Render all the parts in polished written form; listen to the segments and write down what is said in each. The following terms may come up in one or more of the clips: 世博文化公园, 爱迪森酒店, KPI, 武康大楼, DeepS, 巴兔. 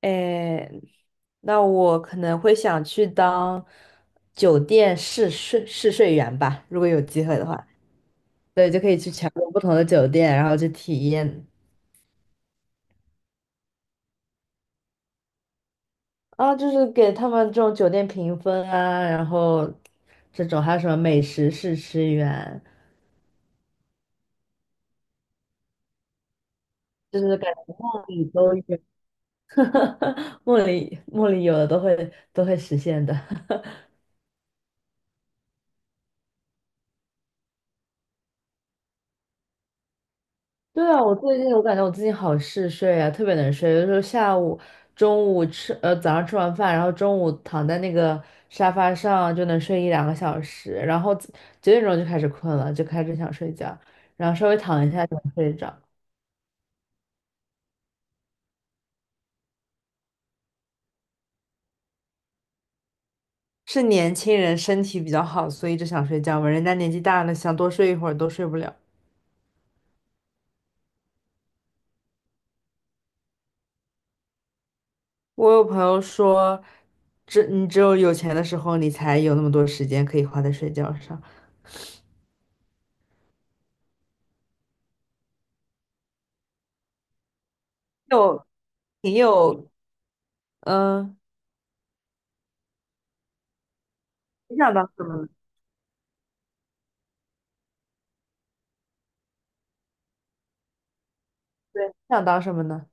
哎，那我可能会想去当酒店试睡员吧，如果有机会的话。对，就可以去全国不同的酒店，然后去体验啊，就是给他们这种酒店评分啊，然后这种还有什么美食试吃员，就是感觉梦里都有。梦里有的都会实现的。对啊，我感觉我最近好嗜睡啊，特别能睡。有的时候下午、中午吃，早上吃完饭，然后中午躺在那个沙发上就能睡一两个小时，然后九点钟就开始困了，就开始想睡觉，然后稍微躺一下就能睡着。是年轻人身体比较好，所以就想睡觉嘛。人家年纪大了，想多睡一会儿都睡不了。我有朋友说，你只有钱的时候，你才有那么多时间可以花在睡觉上，有挺有，嗯、你想当什么呢？对，你想当什么呢？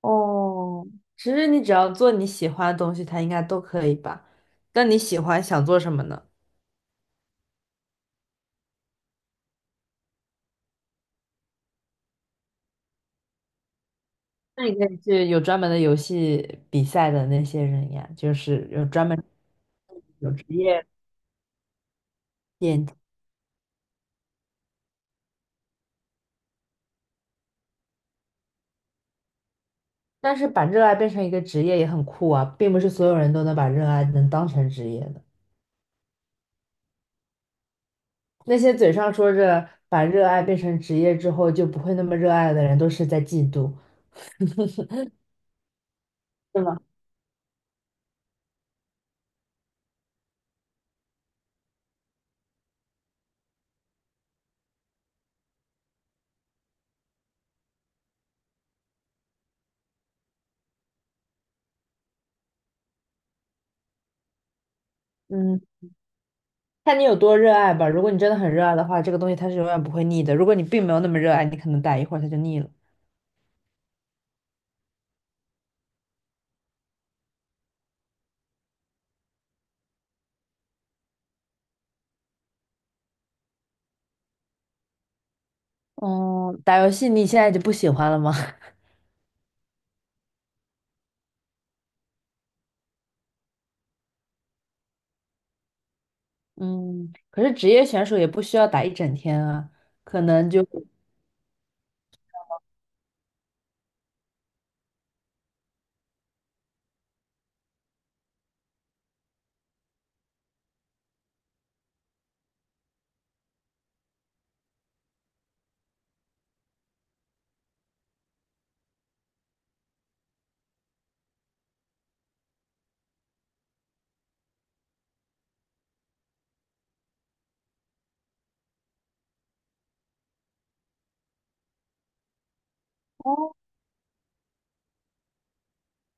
哦，其实你只要做你喜欢的东西，它应该都可以吧？那你喜欢想做什么呢？那你可以去有专门的游戏比赛的那些人呀，就是有专门有职业电竞。但是把热爱变成一个职业也很酷啊，并不是所有人都能把热爱能当成职业的。那些嘴上说着把热爱变成职业之后就不会那么热爱的人，都是在嫉妒，对吗？嗯。看你有多热爱吧。如果你真的很热爱的话，这个东西它是永远不会腻的。如果你并没有那么热爱，你可能打一会儿它就腻了。哦，打游戏你现在就不喜欢了吗？嗯，可是职业选手也不需要打一整天啊，可能就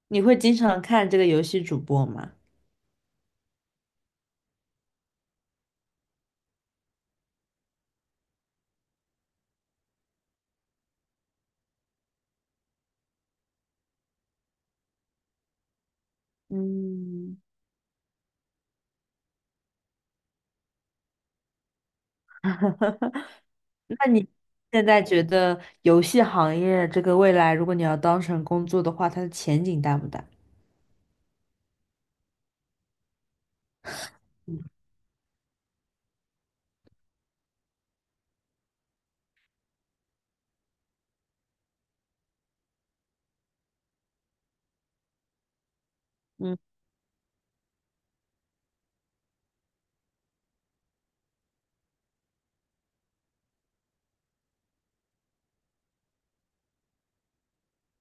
你会经常看这个游戏主播吗？嗯。那你现在觉得游戏行业这个未来，如果你要当成工作的话，它的前景大不大？嗯。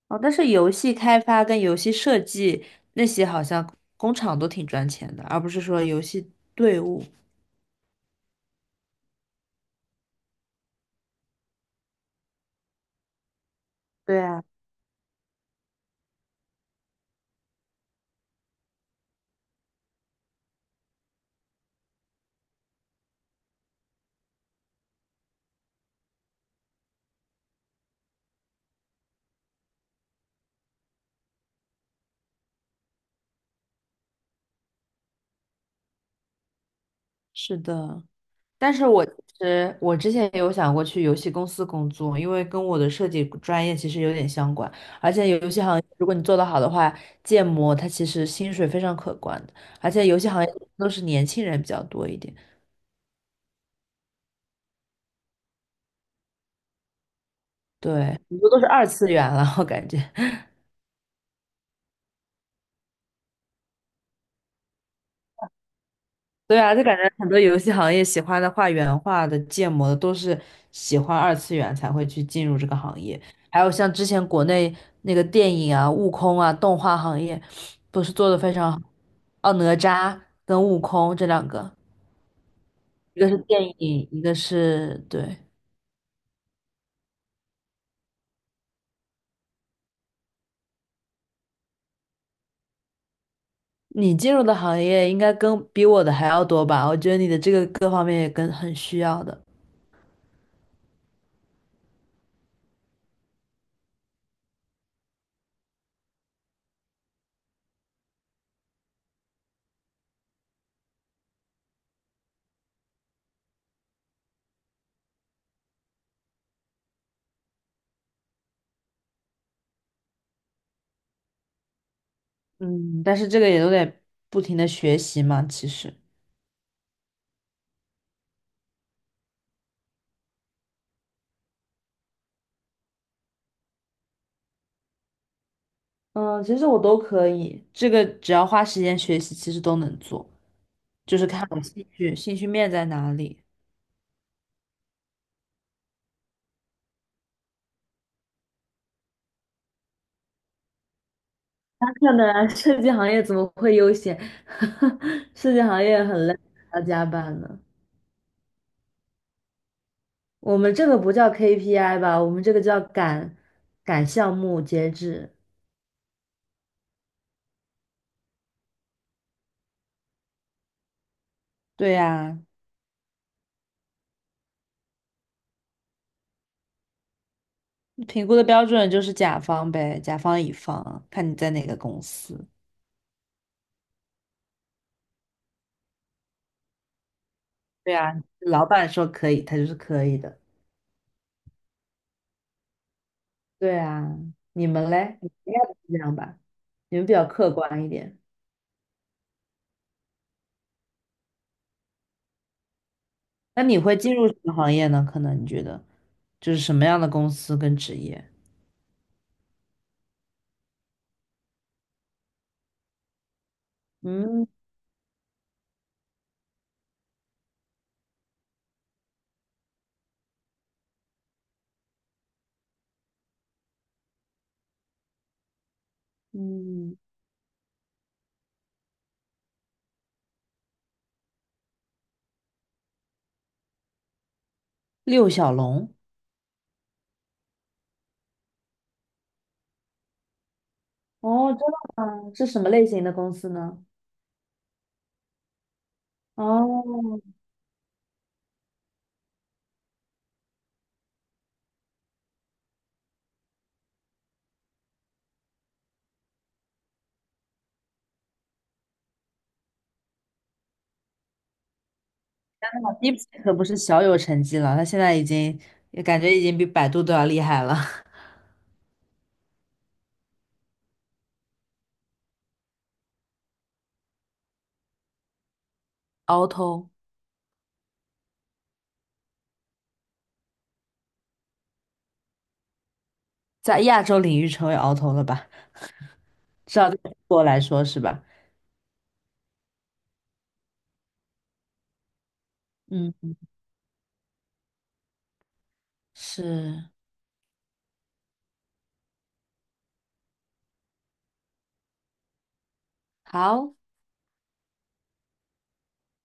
哦，但是游戏开发跟游戏设计那些好像工厂都挺赚钱的，而不是说游戏队伍。对啊，是的。但是我其实之前有想过去游戏公司工作，因为跟我的设计专业其实有点相关，而且游戏行业如果你做得好的话，建模它其实薪水非常可观的，而且游戏行业都是年轻人比较多一点，对，很多都是二次元了，我感觉。对啊，就感觉很多游戏行业喜欢的画原画的、建模的，都是喜欢二次元才会去进入这个行业。还有像之前国内那个电影啊、悟空啊、动画行业，都是做的非常好。哦，哪吒跟悟空这两个，一个是电影，一个是对。你进入的行业应该跟比我的还要多吧？我觉得你的这个各方面也跟很需要的。嗯，但是这个也都得不停的学习嘛，其实。嗯，其实我都可以，这个只要花时间学习，其实都能做，就是看我兴趣面在哪里。那看的啊，设计行业怎么会悠闲？设计行业很累，还要加班呢。我们这个不叫 KPI 吧，我们这个叫赶项目截止。对呀，评估的标准就是甲方呗，甲方乙方，看你在哪个公司。对呀，老板说可以，他就是可以的。对啊，你们嘞，你们应该不是这样吧？你们比较客观一点。那你会进入什么行业呢？可能你觉得就是什么样的公司跟职业？嗯嗯，六小龙。哦，真的吗？是什么类型的公司呢？哦 DeepSeek 可不是小有成绩了，他现在已经也感觉已经比百度都要厉害了。鳌头。在亚洲领域成为鳌头了吧？至少对中国来说是吧？嗯，是。好，